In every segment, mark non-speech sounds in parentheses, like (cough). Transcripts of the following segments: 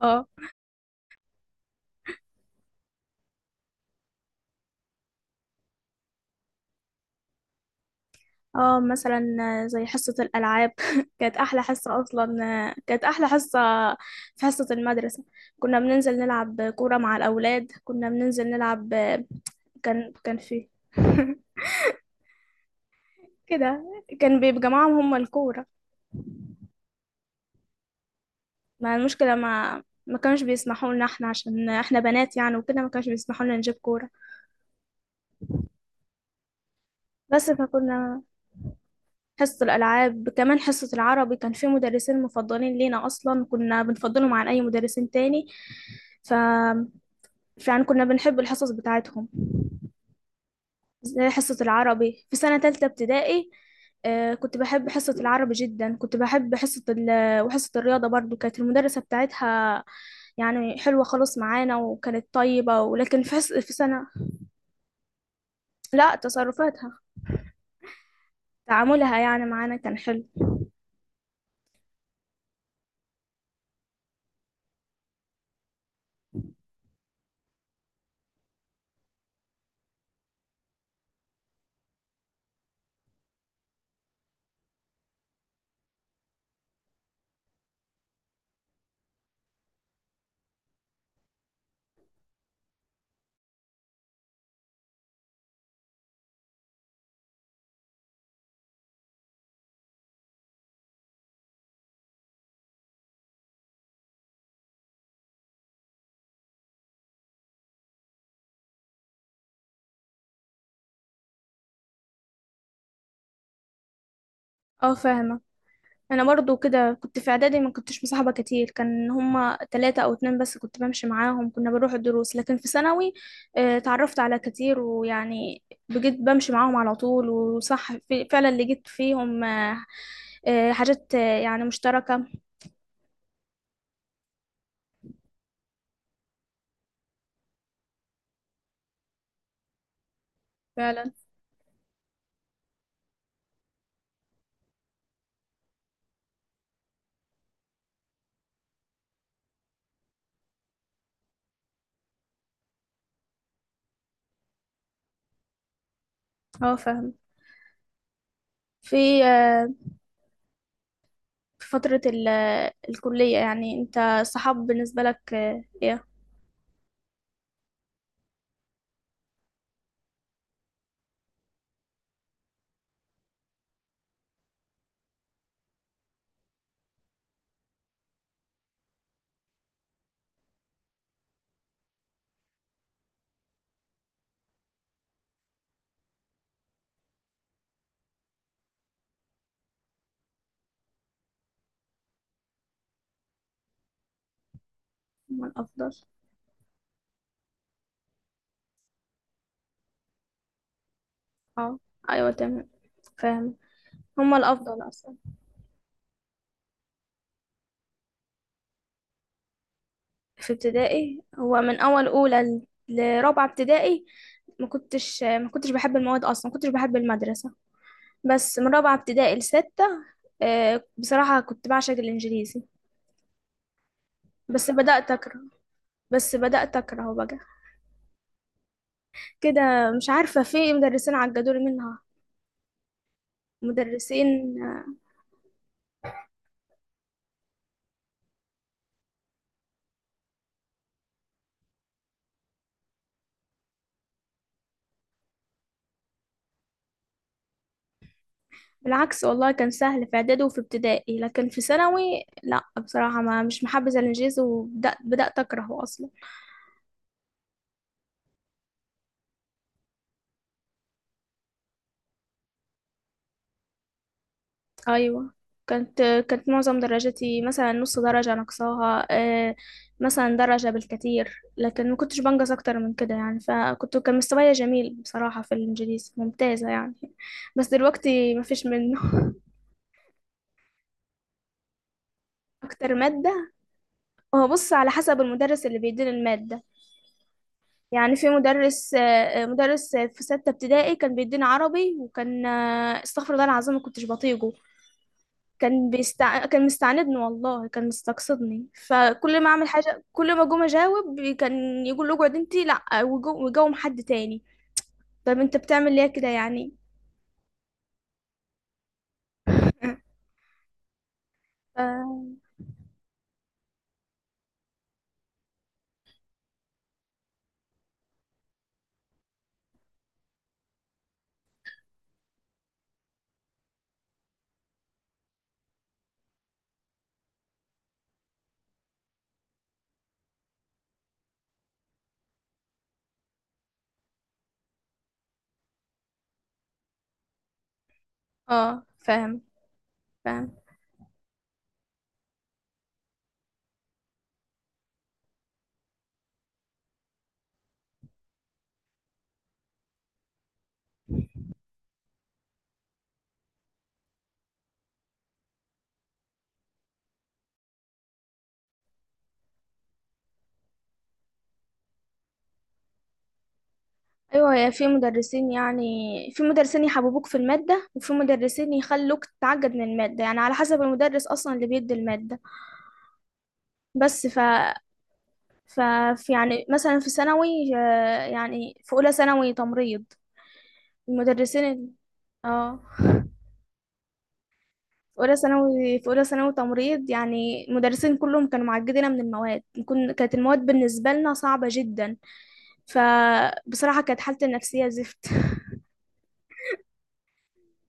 اه، اه، مثلا زي حصة الألعاب (laughs) كانت أحلى حصة أصلا. كانت أحلى حصة في حصة المدرسة. كنا بننزل نلعب كورة مع الأولاد، كنا بننزل نلعب. كان في (laughs) كده. كان بيجمعهم هم الكورة. ما المشكلة، ما كانوش بيسمحوا لنا احنا، عشان احنا بنات يعني وكده ما كانوش بيسمحوا لنا نجيب كورة. بس فكنا حصة الألعاب، كمان حصة العربي كان في مدرسين مفضلين لينا أصلا، كنا بنفضلهم عن أي مدرسين تاني. ف فعلا كنا بنحب الحصص بتاعتهم. زي حصة العربي في سنة تالتة ابتدائي. كنت بحب حصة العربي جدا، كنت بحب وحصة الرياضة برضو، كانت المدرسة بتاعتها يعني حلوة خالص معانا وكانت طيبة، ولكن في سنة. لا، تصرفاتها تعاملها يعني معانا كان حلو. اه فاهمة. انا برضو كده، كنت في اعدادي ما كنتش مصاحبه كتير، كان هما ثلاثة او اتنين بس، كنت بمشي معاهم، كنا بنروح الدروس، لكن في ثانوي اتعرفت على كتير، ويعني بجد بمشي معاهم على طول وصح. في فعلا لقيت فيهم حاجات يعني مشتركه. فعلا. اه فاهم. في آه، في فتره الكليه، يعني انت الصحاب بالنسبه لك ايه؟ هما الافضل. اه ايوه، تمام، فاهم، هما الافضل اصلا. في ابتدائي، هو من اول لرابعه ابتدائي ما كنتش بحب المواد اصلا، ما كنتش بحب المدرسه. بس من رابعه ابتدائي لسته بصراحه كنت بعشق الانجليزي. بس بدات اكره بس بدات اكرهه بقى كده. مش عارفه، في مدرسين عجبوني منها. مدرسين آه، بالعكس، والله كان سهل في اعدادي وفي ابتدائي، لكن في ثانوي لا، بصراحه ما مش محبذه الانجليزي، وبدات اكرهه اصلا. أيوة. كانت معظم درجتي مثلا نص درجة نقصاها مثلا درجة بالكتير، لكن ما كنتش بنقص أكتر من كده يعني. فكنت كان مستواي جميل بصراحة في الإنجليزي، ممتازة يعني. بس دلوقتي ما فيش منه (laughs) أكتر مادة، هو بص على حسب المدرس اللي بيدينا المادة. يعني في مدرس، مدرس في ستة ابتدائي كان بيدينا عربي، وكان استغفر الله العظيم، ما كنتش بطيقه. كان مستعندني، والله كان مستقصدني، فكل ما اعمل حاجه كل ما جم اجاوب كان يقول له اقعد انت، لا وجوم حد تاني. طب انت بتعمل ليه كده يعني. (laughs) اه فاهم فاهم. ايوه، يا في مدرسين يعني، في مدرسين يحببوك في الماده، وفي مدرسين يخلوك تتعقد من الماده، يعني على حسب المدرس اصلا اللي بيدي الماده. بس ف في يعني مثلا في ثانوي يعني في اولى ثانوي تمريض. المدرسين ال- اه، في اولى ثانوي تمريض، يعني المدرسين كلهم كانوا معجبين من المواد، كانت المواد بالنسبه لنا صعبه جدا. فبصراحه كانت حالتي النفسيه زفت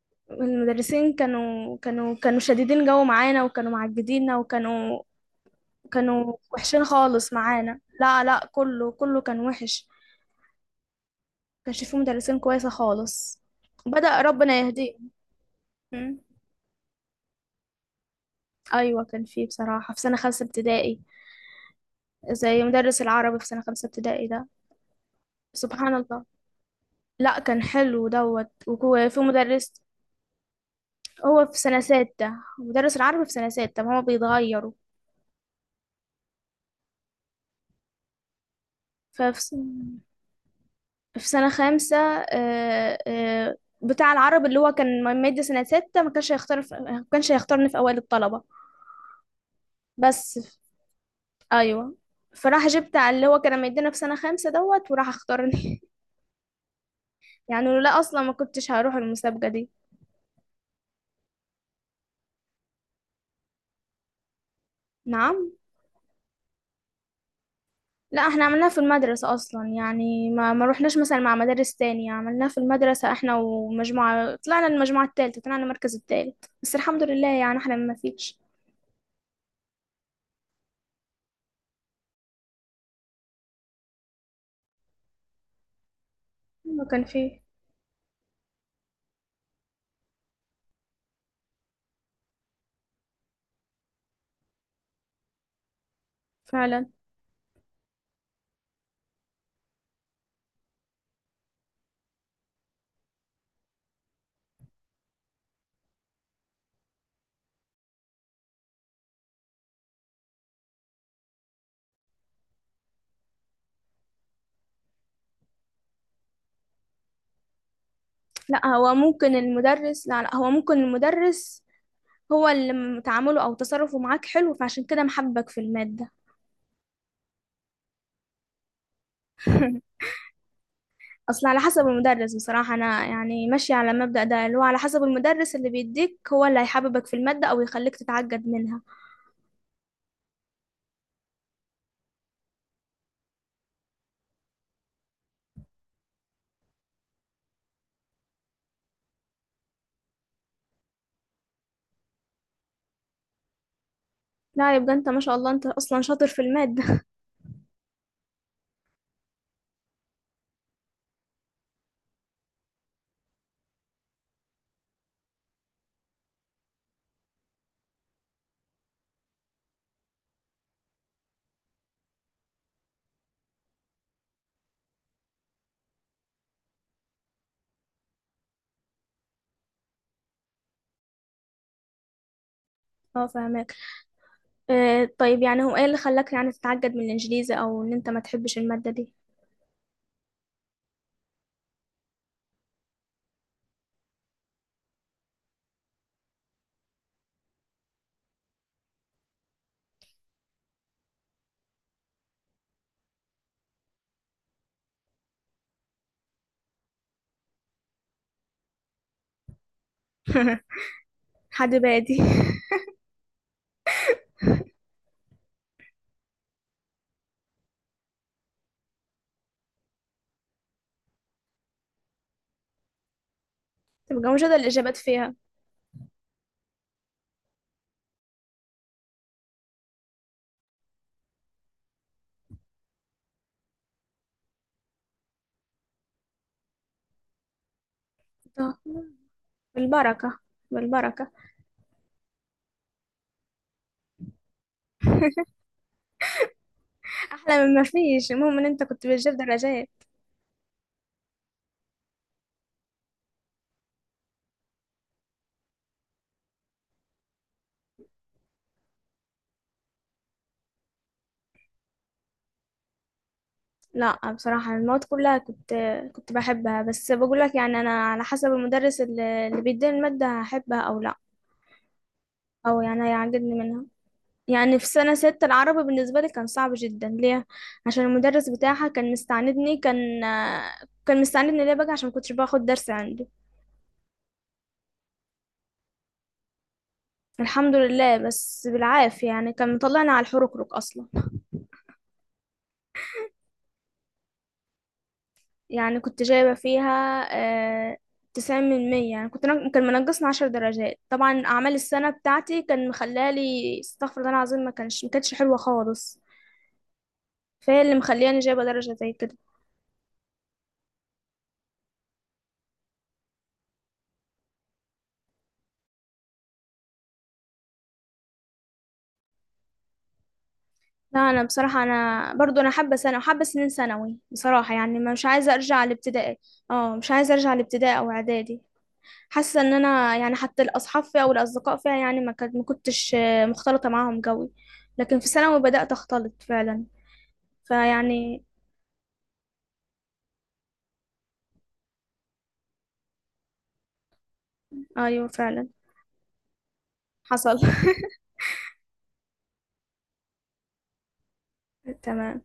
(laughs) المدرسين كانوا شديدين، جو معانا وكانوا معجبيننا وكانوا، كانوا وحشين خالص معانا. لا لا، كله كان وحش. كانش فيه مدرسين كويسه خالص. بدأ ربنا يهديهم. م. ايوه كان فيه بصراحه في سنه خمسه ابتدائي، زي مدرس العربي في سنه خمسه ابتدائي ده. سبحان الله. لا كان حلو دوت، وهو في مدرس. هو في سنة ستة، مدرس العربي في سنة ستة، ما هو بيتغيروا. ففي س- في سنة خامسة بتاع العربي اللي هو كان مادة سنة ستة، ما كانش هيختارني في أوائل الطلبة. بس أيوه، فراح جبت على اللي هو كان مدينا في سنة خامسة دوت، وراح اختارني (laughs) يعني لولا أصلا ما كنتش هروح المسابقة دي. نعم. لا احنا عملناها في المدرسة اصلا يعني، ما روحناش مثلا مع مدارس تانية، عملناها في المدرسة احنا ومجموعة، طلعنا المجموعة التالتة، طلعنا المركز التالت، بس الحمد لله يعني احنا ما فيش. ما كان فيه. فعلا. لا هو ممكن المدرس هو تعامله او تصرفه معاك حلو، فعشان كده محبك في المادة. (laughs) اصل على حسب المدرس بصراحة، انا يعني ماشية على المبدأ ده اللي هو على حسب المدرس اللي بيديك، هو اللي هيحببك في المادة او يخليك تتعجب منها. لا، يبقى انت ما شاء الله، انت اصلا شاطر في المادة (laughs) اه فاهمك. آه طيب، يعني هو ايه اللي خلاك يعني تتعقد من الانجليزي، او ان انت ما تحبش المادة دي؟ (laughs) حد بادي. (laughs) تبقى مش هذا الاجابات فيها. (laughs) آه، بالبركة. بالبركة. احلى من ما فيش، المهم ان انت كنت بتجيب درجات. لا بصراحة المواد كلها كنت بحبها، بس بقول لك يعني، انا على حسب المدرس اللي بيديني المادة هحبها او لا، او يعني هيعجبني منها. يعني في سنة ستة العربي بالنسبة لي كان صعب جدا. ليه؟ عشان المدرس بتاعها كان مستعندني، كان مستعندني. ليه بقى؟ عشان كنتش باخد درس عنده. الحمد لله، بس بالعافية يعني، كان مطلعني على الحركرك أصلا. يعني كنت جايبة فيها آه، 90 من 100. يعني كنت كان منقصني 10 درجات. طبعا أعمال السنة بتاعتي كان مخلالي استغفر الله العظيم، ما كانتش حلوة خالص. فهي اللي مخلياني جايبة درجة زي كده. لا انا بصراحه، انا برضو انا حابه سنه وحابه سنين ثانوي بصراحه يعني، مش عايزه ارجع لابتدائي. اه مش عايزه ارجع لابتدائي او اعدادي. حاسه ان انا يعني حتى الاصحاب فيها او الاصدقاء فيها يعني ما كنتش مختلطه معاهم قوي، لكن في ثانوي بدات اختلط فعلا. فيعني ايوه فعلا حصل (laughs) تمام.